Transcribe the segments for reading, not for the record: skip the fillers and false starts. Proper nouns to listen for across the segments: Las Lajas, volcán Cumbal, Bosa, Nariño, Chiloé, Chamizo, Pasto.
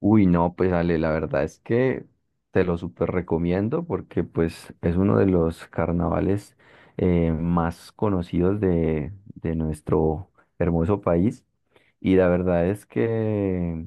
Uy, no, pues Ale, la verdad es que te lo súper recomiendo porque pues es uno de los carnavales más conocidos de nuestro hermoso país y la verdad es que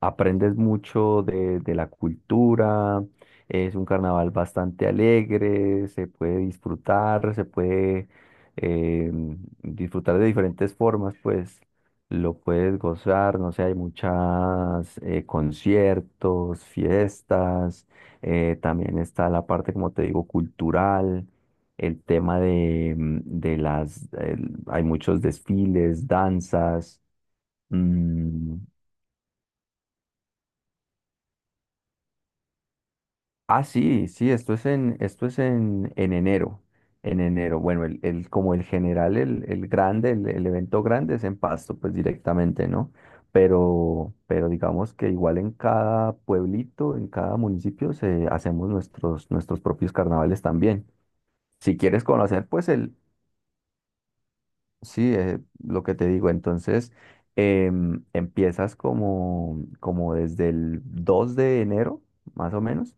aprendes mucho de la cultura, es un carnaval bastante alegre, se puede eh, disfrutar de diferentes formas, pues lo puedes gozar, no sé, hay muchas conciertos, fiestas, también está la parte, como te digo, cultural. El tema de, de las, hay muchos desfiles, danzas. mm, Ah, sí, sí, esto es en enero. En enero, bueno, como el general, el grande, el evento grande es en Pasto, pues directamente, ¿no? Pero digamos que igual en cada pueblito, en cada municipio, se, hacemos nuestros, nuestros propios carnavales también. Si quieres conocer, pues el, sí, lo que te digo, entonces empiezas como, como desde el 2 de enero, más o menos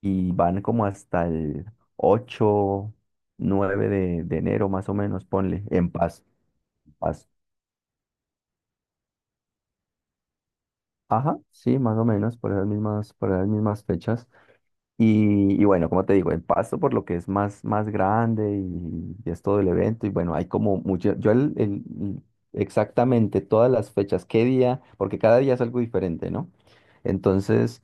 y van como hasta el 8 9 de enero más o menos, ponle, en paz, en paz. Ajá, sí, más o menos, por esas mismas fechas. Y bueno, como te digo, el Pasto por lo que es más, más grande y es todo el evento. Y bueno, hay como mucho, yo exactamente todas las fechas, qué día, porque cada día es algo diferente, ¿no? Entonces,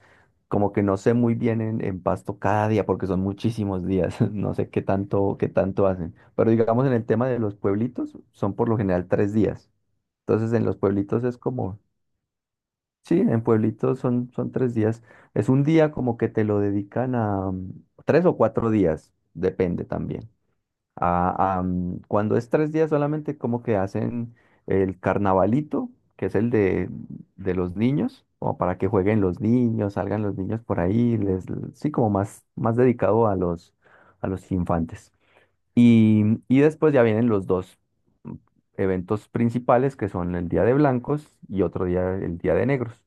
como que no sé muy bien en Pasto cada día, porque son muchísimos días, no sé qué tanto hacen. Pero digamos en el tema de los pueblitos, son por lo general 3 días. Entonces, en los pueblitos es como. Sí, en Pueblito son 3 días. Es un día como que te lo dedican a, 3 o 4 días, depende también. A, cuando es 3 días solamente como que hacen el carnavalito, que es el de los niños, como para que jueguen los niños, salgan los niños por ahí, les, sí, como más, más dedicado a los infantes. Y, y después ya vienen los dos mm, eventos principales, que son el Día de Blancos y otro día, el Día de Negros.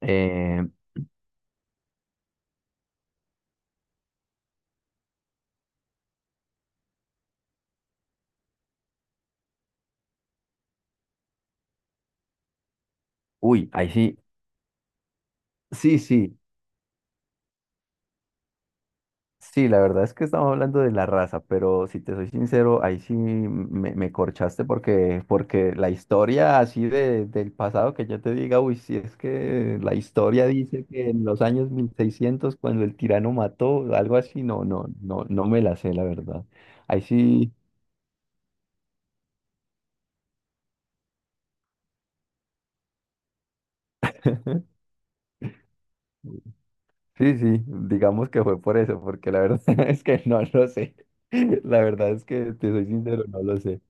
Eh, uy, ahí sí, sí, sí, sí, la verdad es que estamos hablando de la raza, pero si te soy sincero, ahí sí me corchaste porque la historia así de, del pasado que yo te diga, uy, si es que la historia dice que en los años 1600 cuando el tirano mató, algo así, no, no, no, no me la sé, la verdad. Ahí sí, sí, sí, digamos que fue por eso, porque la verdad es que no lo sé. La verdad es que te soy sincero, no lo sé.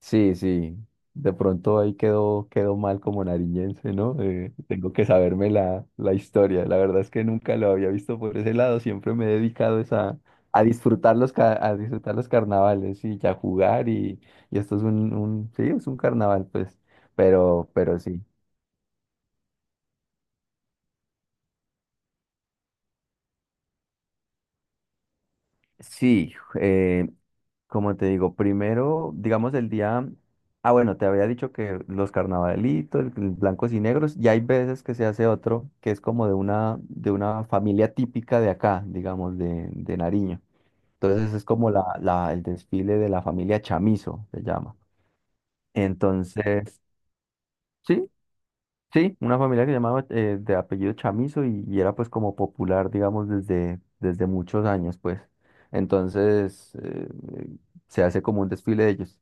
Sí, sí. De pronto ahí quedó mal como nariñense, ¿no? Tengo que saberme la historia. La verdad es que nunca lo había visto por ese lado. Siempre me he dedicado es a, a disfrutar los carnavales y a jugar. Y esto es un, sí, es un carnaval, pues. Pero sí. Sí. Como te digo, primero, digamos el día, ah bueno, te había dicho que los carnavalitos, el blancos y negros, y hay veces que se hace otro que es como de una familia típica de acá, digamos, de Nariño. Entonces es como el desfile de la familia Chamizo, se llama. Entonces, sí, sí, una familia que llamaba de apellido Chamizo y era pues como popular, digamos, desde, desde muchos años, pues. Entonces, se hace como un desfile de ellos.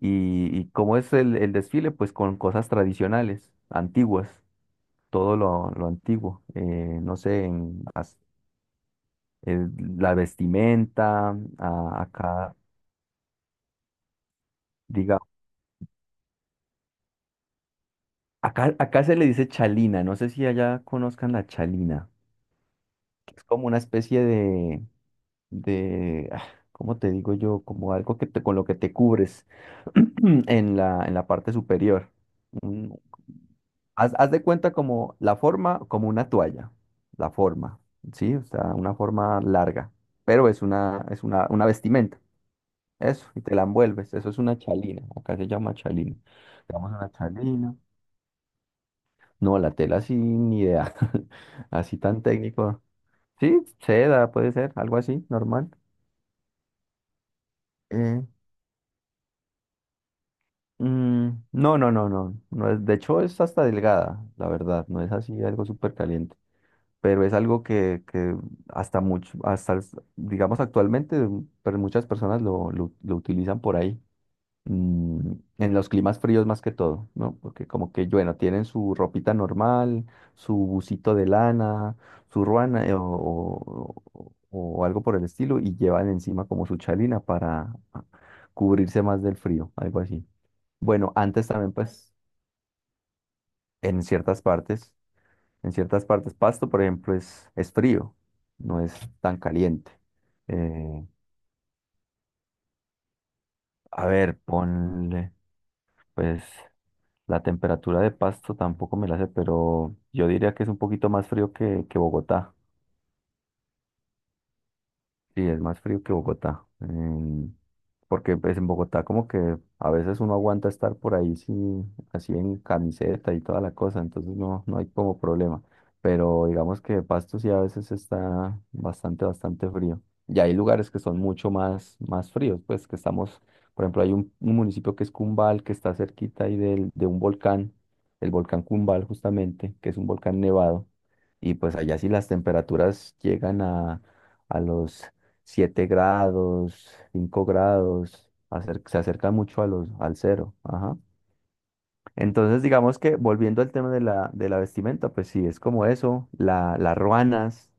Y cómo es el desfile, pues con cosas tradicionales, antiguas, todo lo antiguo. No sé, el- la vestimenta, acá, diga, acá se le dice chalina, no sé si allá conozcan la chalina, que es como una especie de, ¿cómo te digo yo? Como algo que te, con lo que te cubres en la, parte superior. Un- haz de cuenta como la forma, como una toalla, la forma, ¿sí? O sea, una forma larga, pero es una vestimenta, eso, y te la envuelves, eso es una chalina, acá se llama chalina, llamas una chalina, no, la tela sí, ni idea, así tan técnico, sí, seda, puede ser, algo así, normal. Eh, Mm, no, no, no, no, no es, de hecho es hasta delgada, la verdad, no es así algo súper caliente, pero es algo que hasta mucho, hasta, digamos actualmente, pero muchas personas lo utilizan por ahí, mm, en los climas fríos más que todo, ¿no? Porque como que, bueno, tienen su ropita normal, su busito de lana, su ruana o algo por el estilo y llevan encima como su chalina para cubrirse más del frío, algo así. Bueno, antes también, pues, en ciertas partes, en ciertas partes, Pasto, por ejemplo, es frío, no es tan caliente. Eh, a ver, ponle, pues, la temperatura de Pasto tampoco me la sé, pero yo diría que es un poquito más frío que Bogotá. Sí, es más frío que Bogotá. Porque pues en Bogotá como que a veces uno aguanta estar por ahí sí, así en camiseta y toda la cosa, entonces no, no hay como problema. Pero digamos que Pasto sí a veces está bastante, bastante frío. Y hay lugares que son mucho más, más fríos, pues que estamos, por ejemplo, hay un, municipio que es Cumbal, que está cerquita ahí de un volcán, el volcán Cumbal justamente, que es un volcán nevado. Y pues allá sí las temperaturas llegan a los 7 grados, 5 grados, se acerca mucho al cero. Ajá. Entonces, digamos que volviendo al tema de la vestimenta, pues sí, es como eso. Las ruanas,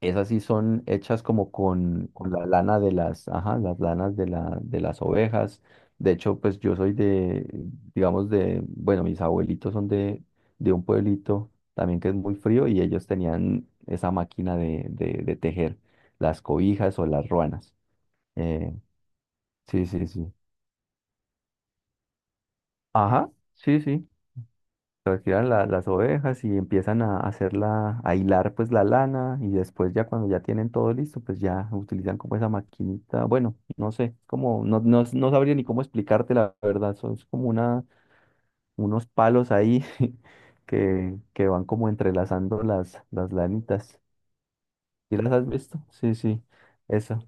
esas sí son hechas como con la lana ajá, las lanas de las ovejas. De hecho, pues yo soy de, digamos, de, bueno, mis abuelitos son de un pueblito también que es muy frío y ellos tenían esa máquina de tejer las cobijas o las ruanas. Eh, sí, sí, sí. Ajá, sí, sí. Retiran las ovejas y empiezan a hacerla, a hilar pues la lana y después ya cuando ya tienen todo listo, pues ya utilizan como esa maquinita. Bueno, no sé, como, no, no, no sabría ni cómo explicarte la verdad. Son es como una, unos palos ahí que van como entrelazando las, lanitas. ¿Sí las has visto? Sí, sí, eso.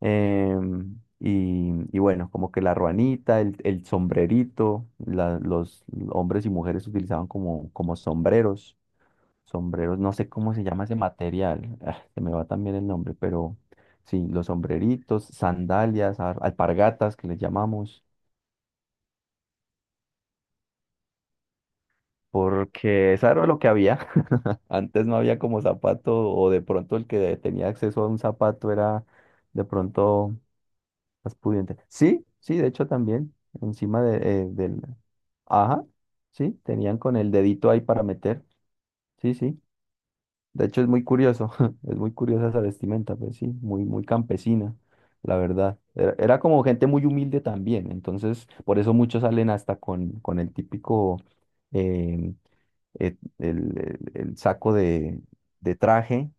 Em, y, y bueno, como que la ruanita, el sombrerito, los hombres y mujeres utilizaban como sombreros, no sé cómo se llama ese material, se me va también el nombre, pero sí, los sombreritos, sandalias, alpargatas que les llamamos, porque eso era lo que había. Antes no había como zapato, o de pronto el que tenía acceso a un zapato era de pronto. Más pudiente. Sí, sí, de hecho también, encima de, del. Ajá, sí, tenían con el dedito ahí para meter. Sí, sí. De hecho es muy curioso, es muy curiosa esa vestimenta, pues sí, muy, muy campesina, la verdad. Era como gente muy humilde también, entonces por eso muchos salen hasta con el típico, eh, el saco de traje,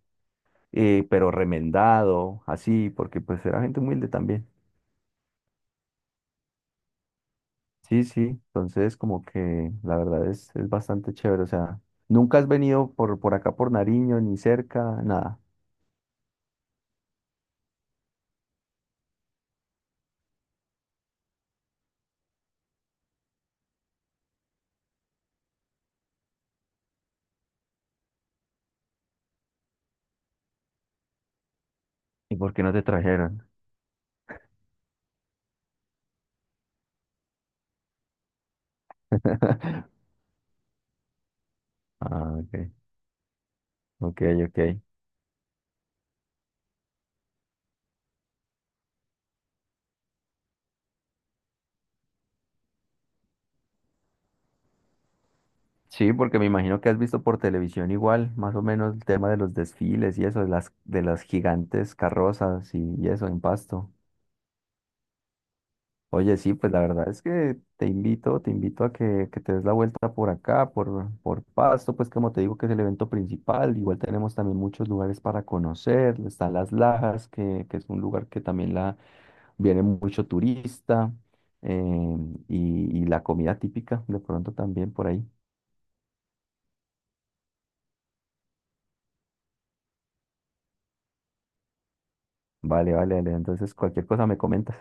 pero remendado, así, porque pues era gente humilde también. Sí, sí, entonces como que la verdad es bastante chévere, o sea, nunca has venido por acá por Nariño, ni cerca, nada. ¿Y por qué no te trajeron? Ah, ok, ok, ok. Sí, porque me imagino que has visto por televisión igual, más o menos el tema de los desfiles y eso, de las gigantes carrozas y eso en Pasto. Oye, sí, pues la verdad es que te invito a que te des la vuelta por acá, por Pasto, pues como te digo que es el evento principal, igual tenemos también muchos lugares para conocer, están Las Lajas, que es un lugar que también viene mucho turista, eh, y la comida típica de pronto también por ahí. Vale, vale, vale, entonces cualquier cosa me comentas.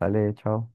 Vale, chao.